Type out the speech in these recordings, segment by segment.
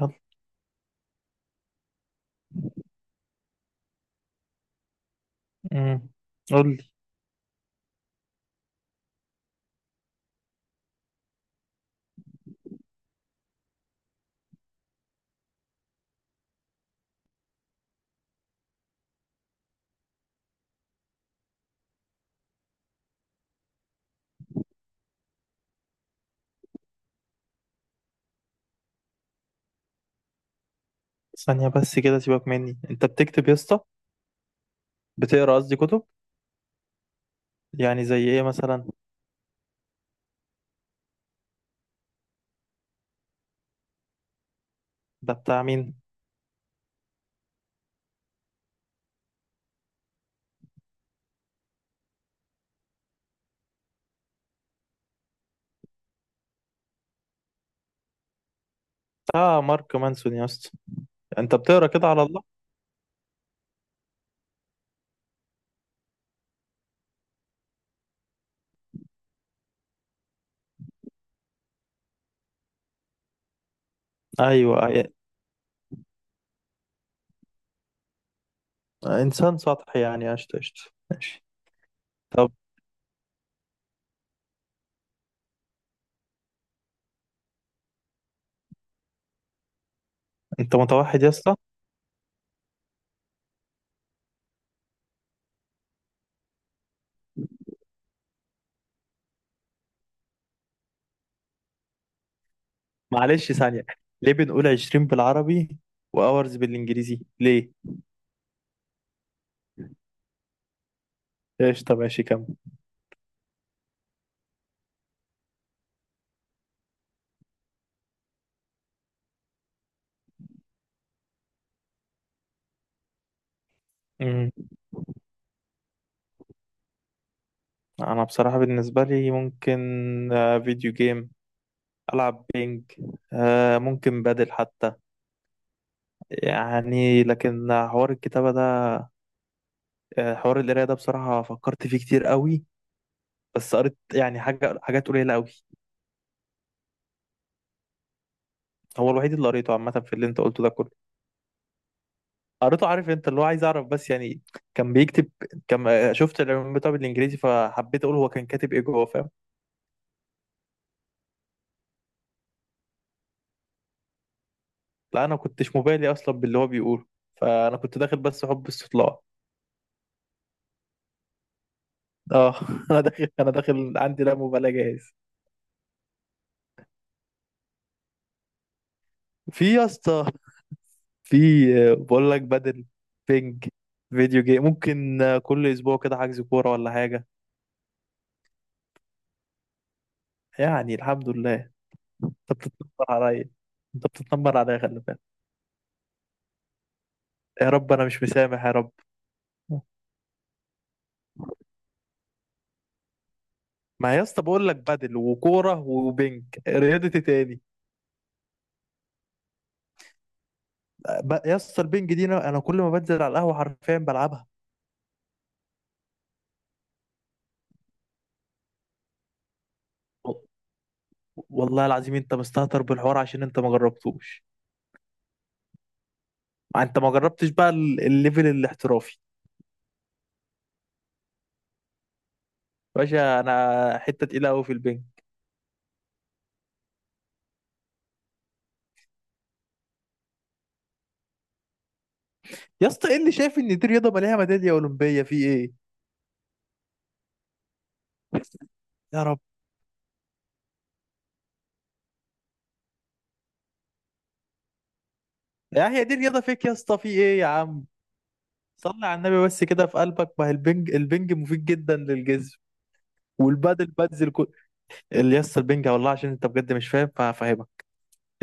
يلا. امم قول لي. ثانية بس كده، سيبك مني. انت بتكتب يا اسطى؟ بتقرا قصدي، كتب؟ يعني زي ايه مثلا؟ ده بتاع مين؟ بتاع مارك مانسون يا اسطى؟ انت بتقرا كده على الله؟ ايوه، انسان سطحي يعني، قشطة قشطة، ماشي. طب انت متوحد يا اسطى؟ معلش ثانية، ليه بنقول 20 بالعربي واورز بالانجليزي ليه؟ قشطة ماشي، كمل. امم انا بصراحة بالنسبة لي ممكن، فيديو جيم، العب بينج، ممكن بدل حتى، يعني. لكن حوار الكتابة ده، حوار القراية ده بصراحة فكرت فيه كتير قوي، بس قريت يعني حاجات قليلة قوي. هو الوحيد اللي قريته عامة في اللي انت قلته ده كله. قريته، عارف، انت اللي هو عايز اعرف، بس يعني كان بيكتب، كان شفت العنوان بتاعه بالانجليزي، فحبيت اقول هو كان كاتب ايه جوه، فاهم؟ لا انا كنتش مبالي اصلا باللي هو بيقوله، فانا كنت داخل بس حب استطلاع. اه. انا داخل، عندي لا مبالاة جاهز. في يا اسطى، في، بقول لك بدل، بينج، فيديو جيم، ممكن، كل اسبوع كده حجز كوره ولا حاجه. يعني الحمد لله. انت بتتنمر عليا، انت بتتنمر عليا خلي بالك. يا رب انا مش مسامح يا رب. ما يا اسطى بقول لك بدل وكوره وبينج، رياضه إيه تاني؟ يا اسطى، البينج دي انا، كل ما بنزل على القهوه حرفيا بلعبها. و- والله العظيم انت مستهتر بالحوار عشان انت ما جربتوش. انت ما جربتش بقى الليفل الاحترافي. باشا، انا حته تقيله قوي في البينج. يا اسطى ايه اللي شايف ان دي رياضه؟ مالها ميداليه اولمبيه في ايه؟ يا رب. يا، هي دي رياضه فيك يا اسطى، في ايه يا عم؟ صلي على النبي بس كده في قلبك. ما هي البنج، البنج مفيد جدا للجسم. والبادل بادز كل. اللي يسطا، البنج والله عشان انت بجد مش فاهم فهفهمك.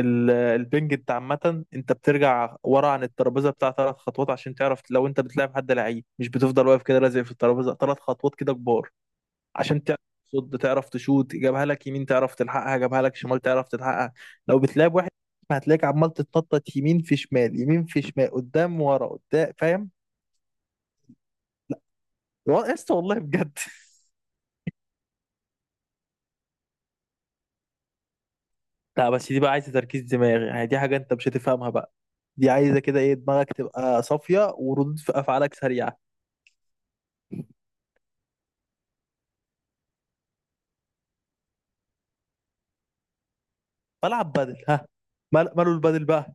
البنج، انت عامة، انت بترجع ورا عن الترابيزة بتاع ثلاث خطوات عشان تعرف، لو انت بتلعب حد لعيب مش بتفضل واقف كده لازق في الترابيزة، ثلاث خطوات كده كبار عشان تعرف تصد، تعرف تشوت. جابها لك يمين تعرف تلحقها، جابها لك شمال تعرف تلحقها. لو بتلعب واحد، هتلاقيك عمال تتنطط يمين في شمال، يمين في شمال، قدام ورا قدام، فاهم؟ والله يا اسطى، والله بجد. لا بس دي بقى عايزه تركيز دماغي، يعني دي حاجه انت مش هتفهمها بقى. دي عايزه كده، ايه، دماغك تبقى صافيه وردود في افعالك سريعه. بلعب بدل، ها. ماله البدل بقى؟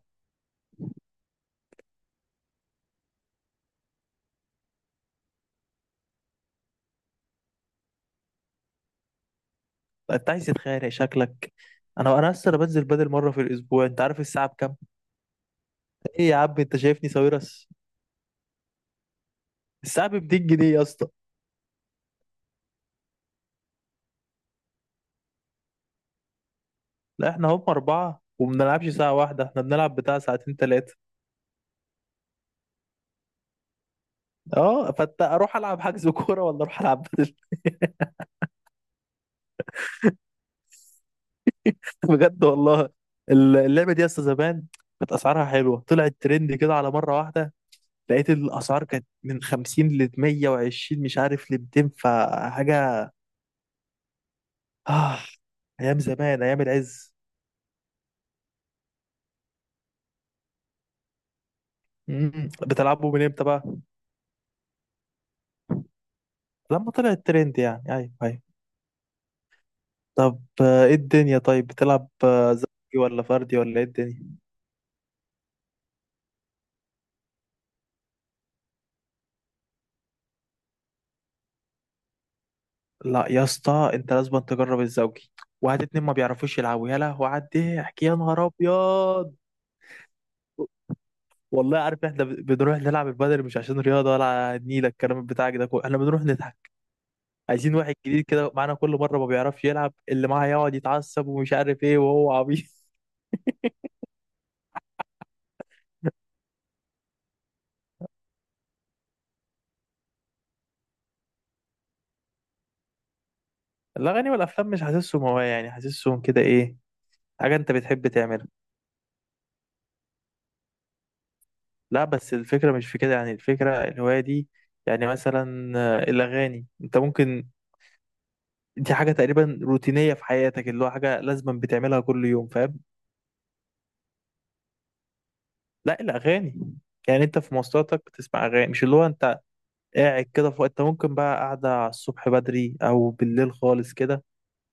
انت عايز تتخانق شكلك. انا، اصلا بنزل بدل مره في الاسبوع، انت عارف الساعه بكام؟ ايه يا عم، انت شايفني ساويرس؟ الساعه ب 200 جنيه يا اسطى. لا احنا هم اربعه، ومبنلعبش ساعه واحده، احنا بنلعب بتاع ساعتين ثلاثه. اه، فانت، اروح العب حجز كوره ولا اروح العب بدل؟ بجد والله. اللعبه دي اصلا زمان كانت اسعارها حلوه، طلعت ترند كده على مره واحده، لقيت الاسعار كانت من 50 ل 120، مش عارف ل 200 فحاجه. آه. ايام زمان، ايام العز. بتلعبوا من امتى بقى؟ لما طلعت ترند يعني، ايوه ايوه. طب ايه الدنيا؟ طيب بتلعب زوجي ولا فردي ولا ايه الدنيا؟ لا يا اسطى، انت لازم تجرب الزوجي. وهات اتنين ما بيعرفوش يلعبوا، يا لهوي على الضحك، يا نهار ابيض. والله، عارف احنا بنروح نلعب البدل مش عشان رياضه ولا نيلة الكلام بتاعك ده كله، احنا بنروح نضحك. عايزين واحد جديد كده معانا كل مره ما بيعرفش يلعب، اللي معاه يقعد يتعصب ومش عارف ايه وهو عبيط. الاغاني والافلام مش حاسسهم هوايه يعني، حاسسهم كده، ايه، حاجه انت بتحب تعملها. لا بس الفكره مش في كده، يعني الفكره، الهوايه دي يعني، مثلا الاغاني، انت ممكن، دي حاجة تقريبا روتينية في حياتك، اللي هو حاجة لازما بتعملها كل يوم، فاهم؟ لا، الأغاني، يعني انت في مواصلاتك بتسمع أغاني، مش اللي هو انت قاعد كده في وقت انت ممكن بقى قاعدة على الصبح بدري أو بالليل خالص كده،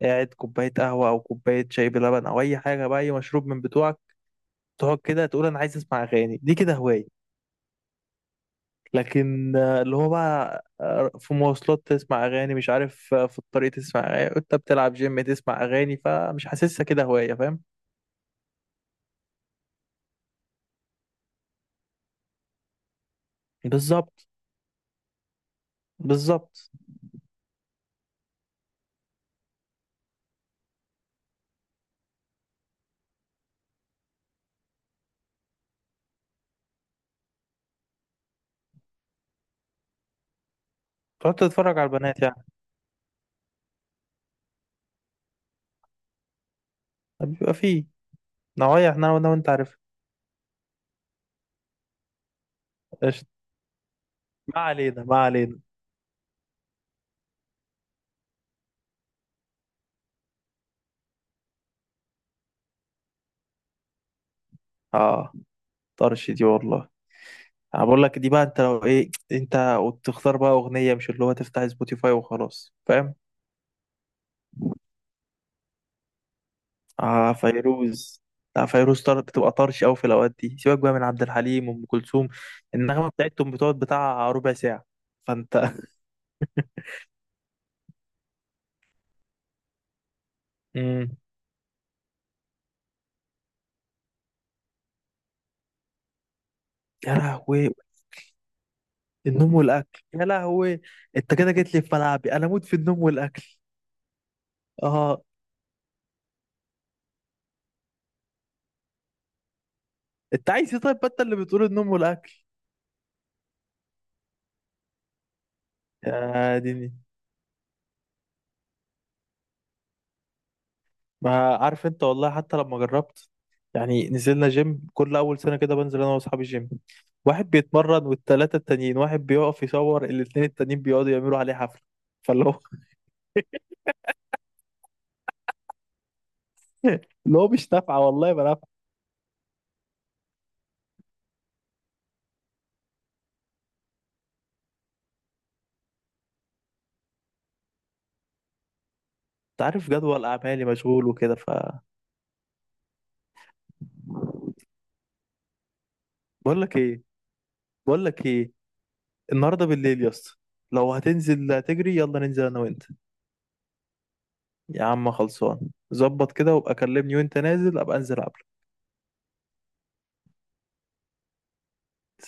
قاعد كوباية قهوة أو كوباية شاي بلبن أو أي حاجة بقى، أي مشروب من بتوعك، تقعد كده تقول أنا عايز أسمع أغاني، دي كده هواية. لكن اللي هو بقى، في مواصلات تسمع أغاني، مش عارف، في الطريق تسمع أغاني، انت بتلعب جيم تسمع أغاني، فمش حاسسها كده هواية، فاهم؟ بالظبط، بالظبط. تقعد تتفرج على البنات يعني؟ بيبقى فيه نوايا، احنا انا وانت عارف. قشطة. ما علينا ما علينا. اه، طرش دي والله. انا بقول لك، دي بقى انت لو ايه، انت وتختار بقى اغنية، مش اللي هو تفتح سبوتيفاي وخلاص، فاهم؟ اه، فيروز. لا، فيروز بتبقى طرش قوي في الاوقات دي، سيبك بقى من عبد الحليم وام كلثوم، النغمة بتاعتهم بتقعد بتاع ربع ساعة، فانت. امم يا لهوي، النوم والاكل يا لهوي. انت كده جيت لي في ملعبي، انا اموت في النوم والاكل. اه. انت عايز ايه طيب؟ ما انت اللي بتقول النوم والاكل. يا ديني، ما عارف انت، والله حتى لما جربت، يعني نزلنا جيم. كل اول سنه كده بنزل انا واصحابي جيم، واحد بيتمرن والتلاته التانيين، واحد بيقف يصور، الاتنين التانيين بيقعدوا يعملوا عليه حفله، فاللي هو. اللي هو مش نافعه، والله ما نافعه. انت عارف جدول اعمالي مشغول وكده، ف، بقول لك ايه، بقول لك ايه، النهارده بالليل يا اسطى لو هتنزل تجري، يلا ننزل انا وانت. يا عم خلصان. ظبط كده وابقى كلمني وانت نازل، ابقى انزل قبلك.